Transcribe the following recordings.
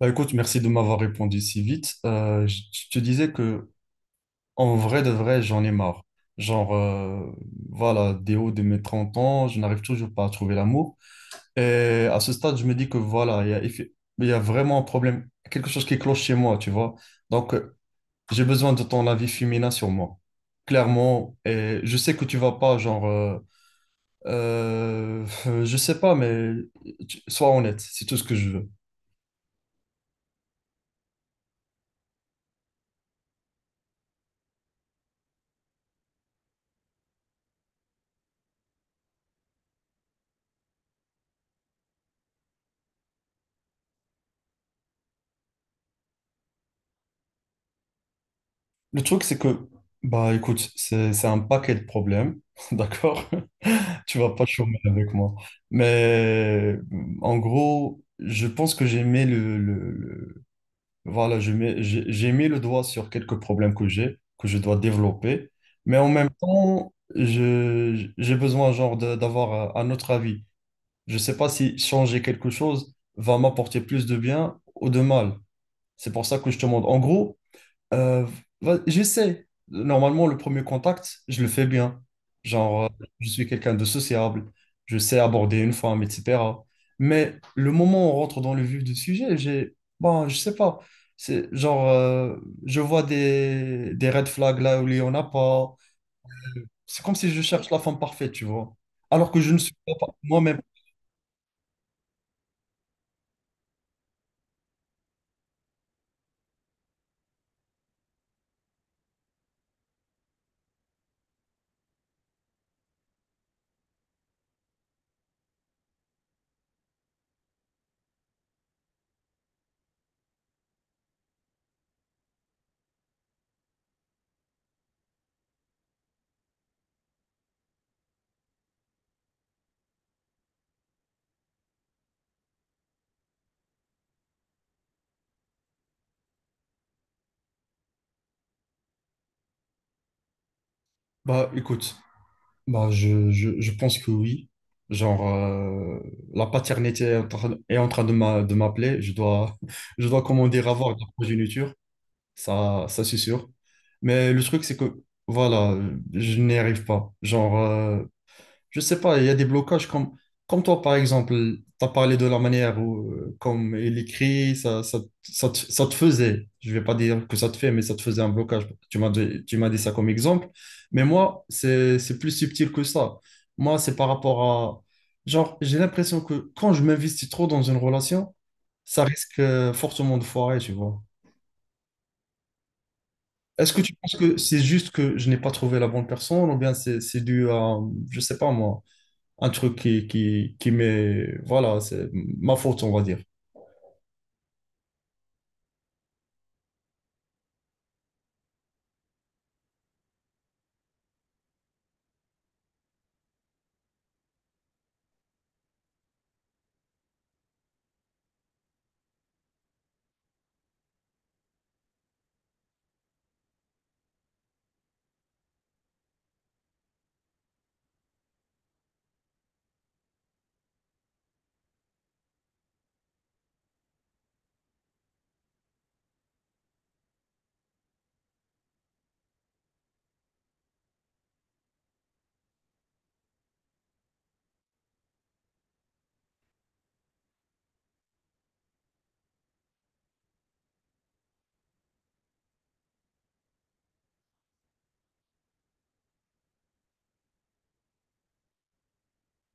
Bah, écoute, merci de m'avoir répondu si vite. Je te disais que en vrai de vrai, j'en ai marre. Genre, voilà, des hauts de mes 30 ans, je n'arrive toujours pas à trouver l'amour. Et à ce stade, je me dis que voilà, il y a vraiment un problème, quelque chose qui cloche chez moi, tu vois. Donc, j'ai besoin de ton avis féminin sur moi, clairement. Et je sais que tu vas pas, genre, euh, je sais pas, mais sois honnête, c'est tout ce que je veux. Le truc, c'est que, bah écoute, c'est un paquet de problèmes, d'accord? Tu vas pas chômer avec moi. Mais en gros, je pense que j'ai mis voilà, j'ai mis le doigt sur quelques problèmes que j'ai, que je dois développer. Mais en même temps, j'ai besoin genre d'avoir un autre avis. Je sais pas si changer quelque chose va m'apporter plus de bien ou de mal. C'est pour ça que je te demande. En gros, euh, j'essaie. Normalement, le premier contact, je le fais bien. Genre, je suis quelqu'un de sociable, je sais aborder une femme, etc. Mais le moment où on rentre dans le vif du sujet, bon, je sais pas. C'est genre, je vois des red flags là où il y en a pas. C'est comme si je cherche la femme parfaite, tu vois. Alors que je ne suis pas moi-même. Bah, écoute. Bah, je pense que oui. Genre, la paternité est en train de m'appeler. Je dois, je dois, comment dire, avoir de la progéniture. Ça c'est sûr. Mais le truc, c'est que, voilà, je n'y arrive pas. Genre, je sais pas, il y a des blocages comme toi, par exemple, tu as parlé de la manière où, comme il écrit, ça te faisait, je vais pas dire que ça te fait, mais ça te faisait un blocage. Tu m'as dit ça comme exemple. Mais moi, c'est plus subtil que ça. Moi, c'est par rapport à, genre, j'ai l'impression que quand je m'investis trop dans une relation, ça risque fortement de foirer, tu vois. Est-ce que tu penses que c'est juste que je n'ai pas trouvé la bonne personne ou bien c'est dû à, je sais pas moi un truc qui m'est. Voilà, c'est ma faute, on va dire.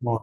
Ouais.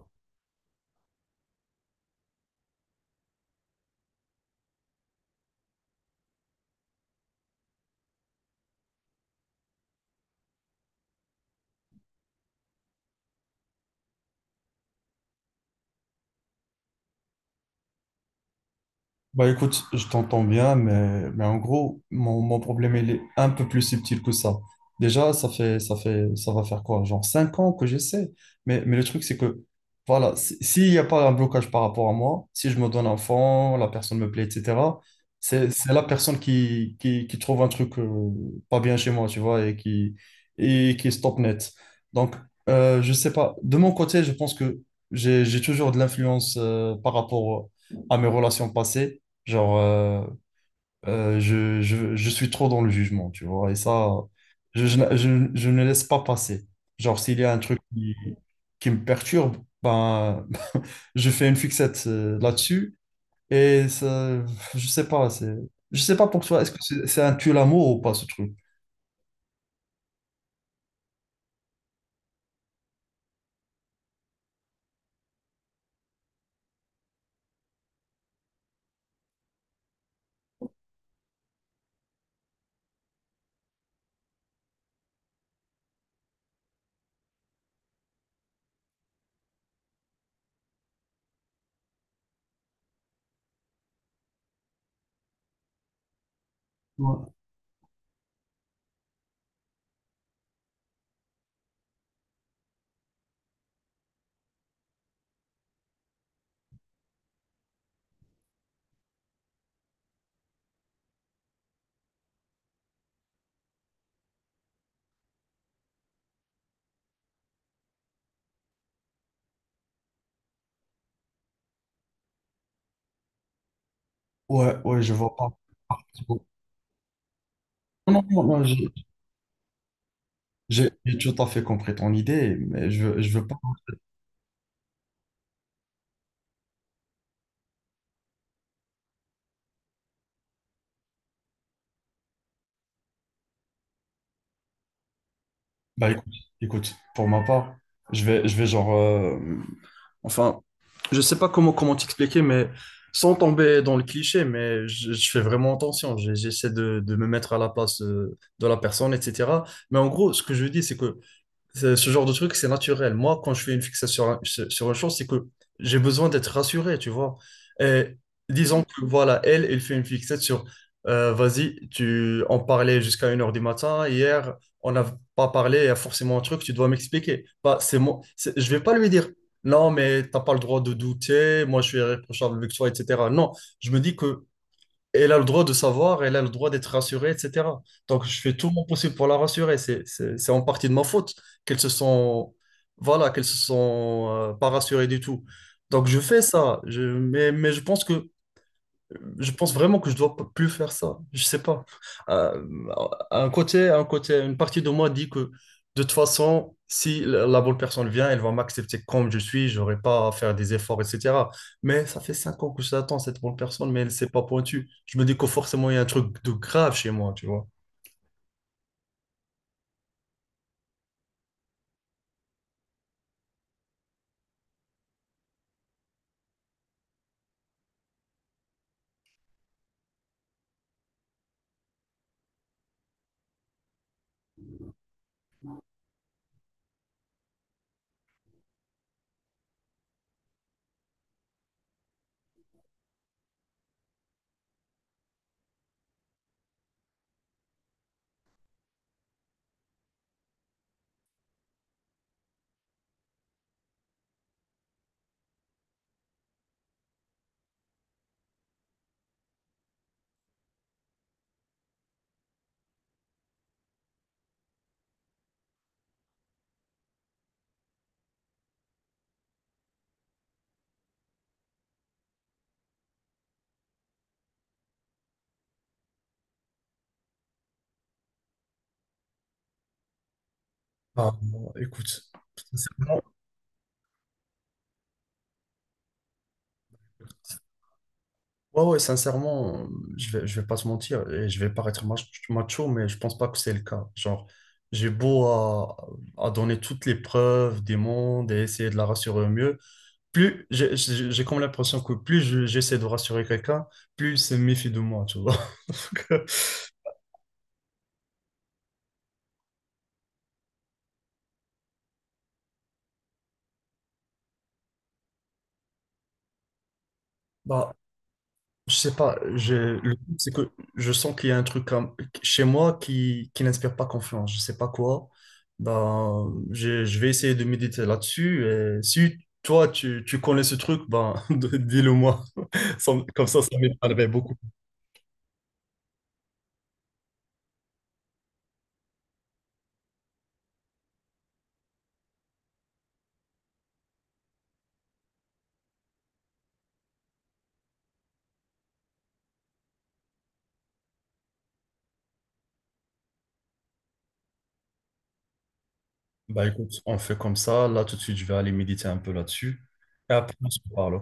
Bah écoute, je t'entends bien, mais en gros, mon problème, il est un peu plus subtil que ça. Déjà, ça va faire quoi? Genre 5 ans que j'essaie. Mais le truc, c'est que, voilà, s'il n'y a pas un blocage par rapport à moi, si je me donne un fond, la personne me plaît, etc., c'est la personne qui trouve un truc pas bien chez moi, tu vois, et qui stop net. Donc, je sais pas. De mon côté, je pense que j'ai toujours de l'influence par rapport à mes relations passées. Genre, je suis trop dans le jugement, tu vois, et ça, je ne laisse pas passer. Genre, s'il y a un truc qui me perturbe, ben, je fais une fixette là-dessus, et ça, je sais pas, je sais pas pour toi, est-ce que c'est un tue-l'amour ou pas, ce truc? Ouais, ouais, ouais, je vois pas. Non, non, non, j'ai tout à fait compris ton idée, mais je veux pas. Bah écoute, pour ma part, je vais genre Enfin, je sais pas comment t'expliquer, mais sans tomber dans le cliché, mais je fais vraiment attention. J'essaie de me mettre à la place de la personne, etc. Mais en gros, ce que je dis, c'est que Ce genre de truc, c'est naturel. Moi, quand je fais une fixation sur, un- sur sur une chose, c'est que j'ai besoin d'être rassuré, tu vois. Et disons que, voilà, elle fait une fixette sur, vas-y, tu en parlait jusqu'à 1 h du matin. Hier, on n'a pas parlé, il y a forcément un truc, tu dois m'expliquer. Bah, c'est moi, je vais pas lui dire, non, mais t'as pas le droit de douter, moi, je suis irréprochable avec toi, etc. Non, je me dis que elle a le droit de savoir, elle a le droit d'être rassurée, etc. Donc, je fais tout mon possible pour la rassurer. C'est en partie de ma faute qu'elles se sont, voilà, qu'elles se sont pas rassurées du tout. Donc, je fais ça. Mais je pense vraiment que je dois plus faire ça. Je sais pas. Euh, une partie de moi dit que de toute façon, si la bonne personne vient, elle va m'accepter comme je suis. J'aurai pas à faire des efforts, etc. Mais ça fait 5 ans que je l'attends, cette bonne personne, mais elle s'est pas pointue. Je me dis que forcément, il y a un truc de grave chez moi, tu vois. Ah, bon, écoute, sincèrement. Ouais, ouais, sincèrement, je vais pas se mentir et je vais paraître macho, mais je pense pas que c'est le cas. Genre, j'ai beau à donner toutes les preuves des mondes et essayer de la rassurer au mieux. Plus j'ai comme l'impression que plus j'essaie de rassurer quelqu'un, plus il se méfie de moi, tu vois. Donc, bah, Je sais pas. Le truc, c'est que je sens qu'il y a un truc comme, chez moi qui n'inspire pas confiance. Je sais pas quoi. Ben, je vais essayer de méditer là-dessus. Et si toi, tu connais ce truc, ben, dis-le moi. Comme ça m'aiderait beaucoup. Bah écoute, on fait comme ça. Là, tout de suite, je vais aller méditer un peu là-dessus. Et après, on se parle.